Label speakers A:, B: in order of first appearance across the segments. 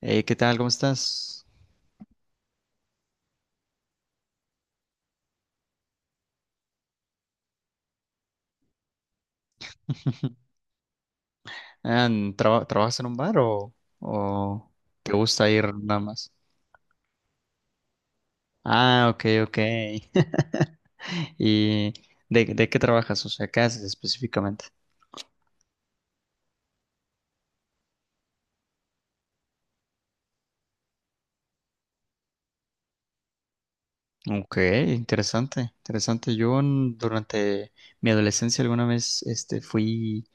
A: Hey, ¿qué tal? ¿Cómo estás? Ah, ¿trabajas en un bar o te gusta ir nada más? Ah, ok, ok. ¿Y de qué trabajas? O sea, ¿qué haces específicamente? Ok, interesante, interesante. Durante mi adolescencia alguna vez este, fui,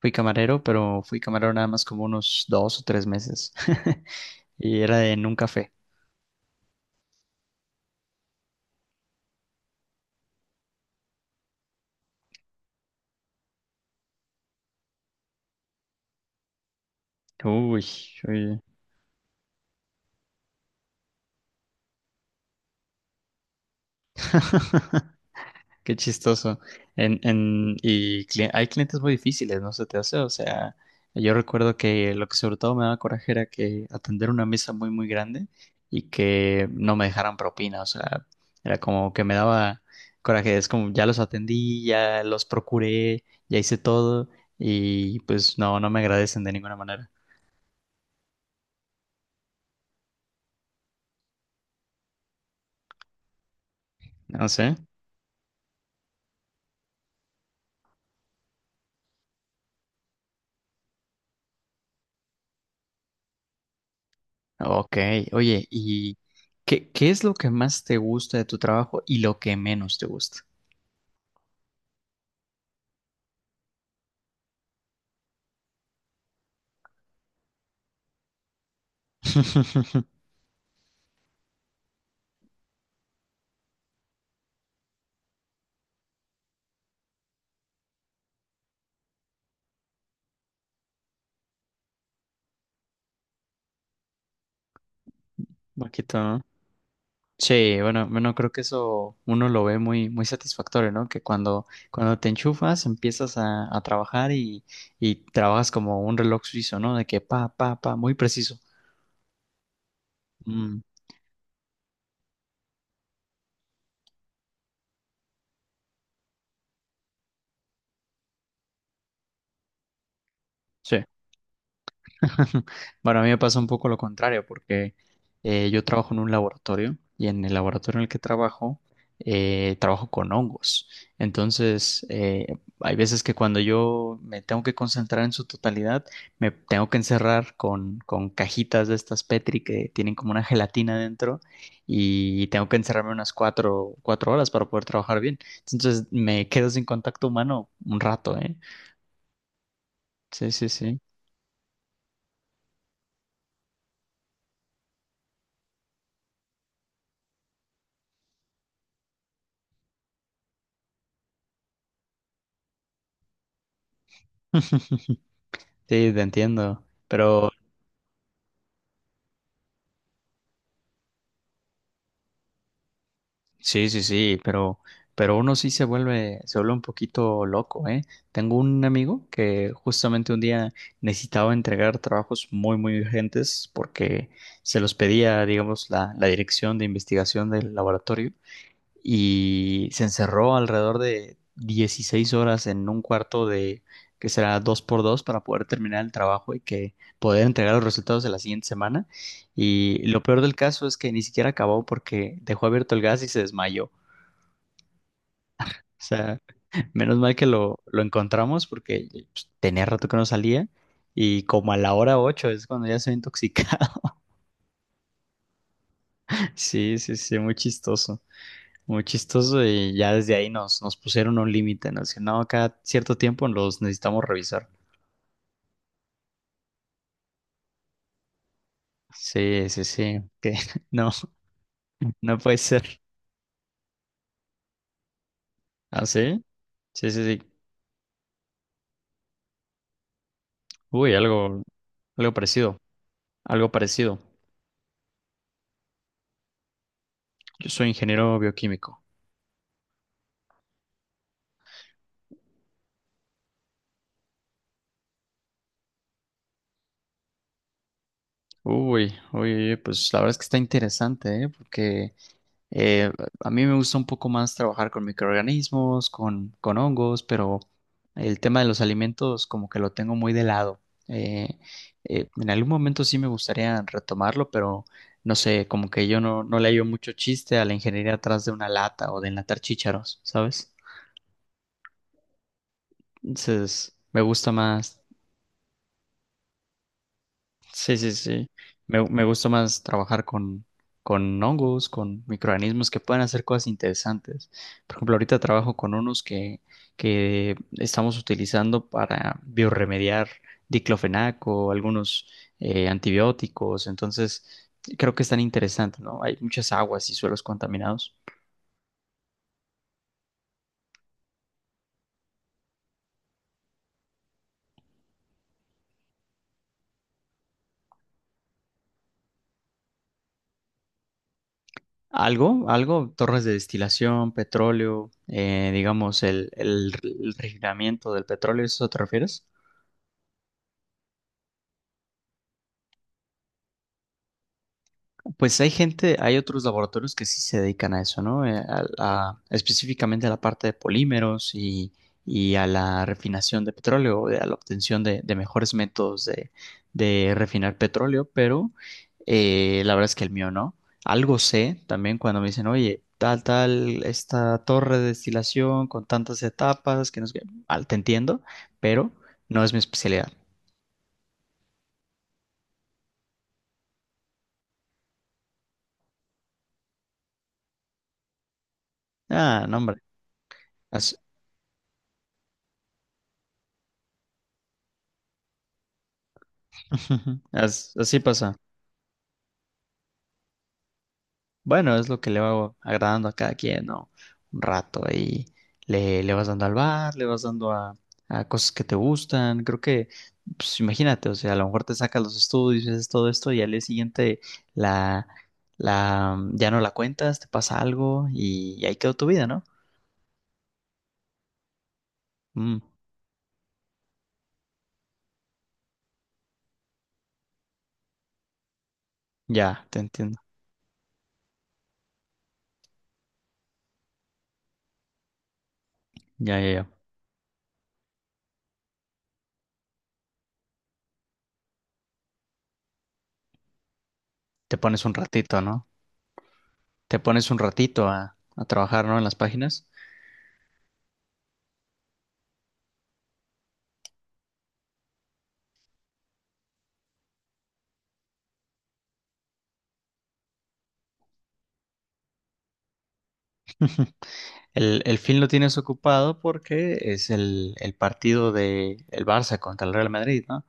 A: fui camarero, pero fui camarero nada más como unos 2 o 3 meses. Y era en un café. Uy, uy. Qué chistoso. Hay clientes muy difíciles, ¿no se te hace? O sea, yo recuerdo que lo que sobre todo me daba coraje era que atender una mesa muy, muy grande y que no me dejaran propina. O sea, era como que me daba coraje. Es como ya los atendí, ya los procuré, ya hice todo y pues no, no me agradecen de ninguna manera. No sé. Ok, oye, ¿y qué, qué es lo que más te gusta de tu trabajo y lo que menos te gusta? Poquito, ¿no? Sí, bueno, bueno, creo que eso uno lo ve muy, muy satisfactorio, ¿no? Que cuando, cuando te enchufas, empiezas a trabajar y trabajas como un reloj suizo, ¿no? De que pa, pa, pa, muy preciso. Mm, sí. Bueno, a mí me pasa un poco lo contrario, porque yo trabajo en un laboratorio y en el laboratorio en el que trabajo, trabajo con hongos. Entonces, hay veces que cuando yo me tengo que concentrar en su totalidad, me tengo que encerrar con cajitas de estas Petri que tienen como una gelatina dentro y tengo que encerrarme unas cuatro horas para poder trabajar bien. Entonces, me quedo sin contacto humano un rato, ¿eh? Sí, sí, sí. Sí, te entiendo. Pero sí, sí, sí, pero uno sí se vuelve un poquito loco, ¿eh? Tengo un amigo que justamente un día necesitaba entregar trabajos muy, muy urgentes porque se los pedía, digamos, la dirección de investigación del laboratorio y se encerró alrededor de 16 horas en un cuarto de que será 2 por 2 para poder terminar el trabajo y que poder entregar los resultados de la siguiente semana. Y lo peor del caso es que ni siquiera acabó porque dejó abierto el gas y se desmayó. O sea, menos mal que lo encontramos porque pues, tenía rato que no salía y como a la hora 8 es cuando ya se intoxica. Sí, sí, sí, muy chistoso. Muy chistoso y ya desde ahí nos, nos pusieron un límite, nos decían, no, cada cierto tiempo los necesitamos revisar. Sí, sí, sí, que no, no puede ser. ¿Ah, sí? Sí, sí, sí. Uy, algo, algo parecido, algo parecido. Yo soy ingeniero bioquímico. Uy, uy, uy, pues la verdad es que está interesante, ¿eh? Porque Eh, a mí me gusta un poco más trabajar con microorganismos, con hongos, pero el tema de los alimentos como que lo tengo muy de lado. Eh, en algún momento sí me gustaría retomarlo, pero no sé, como que yo no, no le hallo mucho chiste a la ingeniería atrás de una lata o de enlatar chícharos, ¿sabes? Entonces, me gusta más. Sí, sí, sí. Me gusta más trabajar con hongos, con microorganismos que pueden hacer cosas interesantes. Por ejemplo, ahorita trabajo con unos que estamos utilizando para biorremediar diclofenaco, algunos antibióticos. Entonces, creo que es tan interesante, ¿no? Hay muchas aguas y suelos contaminados. Algo, algo, torres de destilación, petróleo, digamos, el refinamiento del petróleo, ¿eso te refieres? Pues hay gente, hay otros laboratorios que sí se dedican a eso, ¿no? A- específicamente a la parte de polímeros y a la refinación de petróleo, a la obtención de mejores métodos de refinar petróleo, pero la verdad es que el mío no. Algo sé también cuando me dicen, oye, tal, tal, esta torre de destilación con tantas etapas, que no sé qué. Al- te entiendo, pero no es mi especialidad. Ah, no, hombre, así, as- así pasa. Bueno, es lo que le va agradando a cada quien, ¿no? Un rato ahí le, le vas dando al bar, le vas dando a cosas que te gustan. Creo que, pues imagínate, o sea, a lo mejor te sacas los estudios, haces todo esto y al día siguiente la, ya no la cuentas, te pasa algo y ahí quedó tu vida, ¿no? Mm, ya, te entiendo. Ya, ya, ya. Te pones un ratito, ¿no? Te pones un ratito a trabajar, ¿no? En las páginas. El fin lo tienes ocupado porque es el partido de el Barça contra el Real Madrid, ¿no?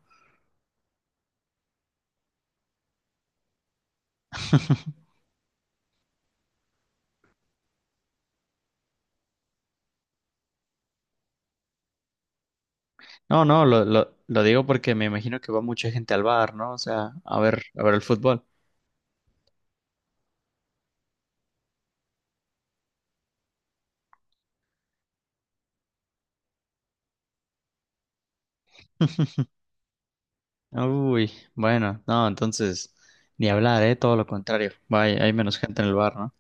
A: No, no, lo digo porque me imagino que va mucha gente al bar, ¿no? O sea, a ver el fútbol. Uy, bueno, no, entonces, ni hablar, ¿eh? Todo lo contrario. Vaya, hay menos gente en el bar, ¿no?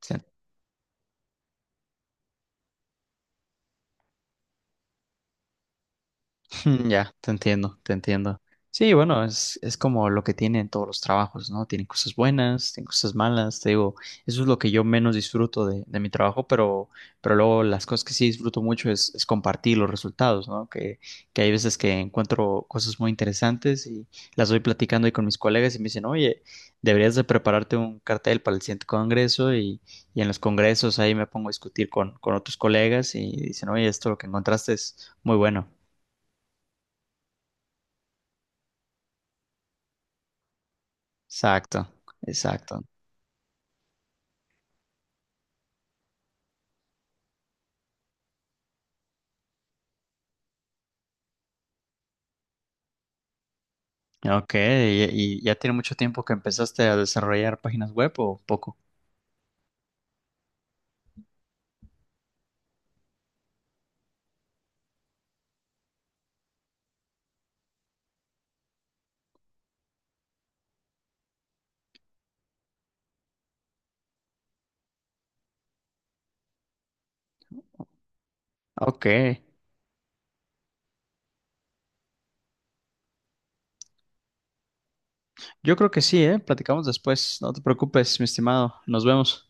A: Sí. Ya, te entiendo, te entiendo. Sí, bueno, es como lo que tienen todos los trabajos, ¿no? Tienen cosas buenas, tienen cosas malas, te digo, eso es lo que yo menos disfruto de mi trabajo, pero luego las cosas que sí disfruto mucho es compartir los resultados, ¿no? Que hay veces que encuentro cosas muy interesantes y las voy platicando ahí con mis colegas y me dicen, oye, deberías de prepararte un cartel para el siguiente congreso y en los congresos ahí me pongo a discutir con otros colegas y dicen, oye, esto lo que encontraste es muy bueno. Exacto, exacto. Ok, y ya tiene mucho tiempo que empezaste a desarrollar páginas web o poco. Ok, yo creo que sí, ¿eh? Platicamos después, no te preocupes, mi estimado, nos vemos.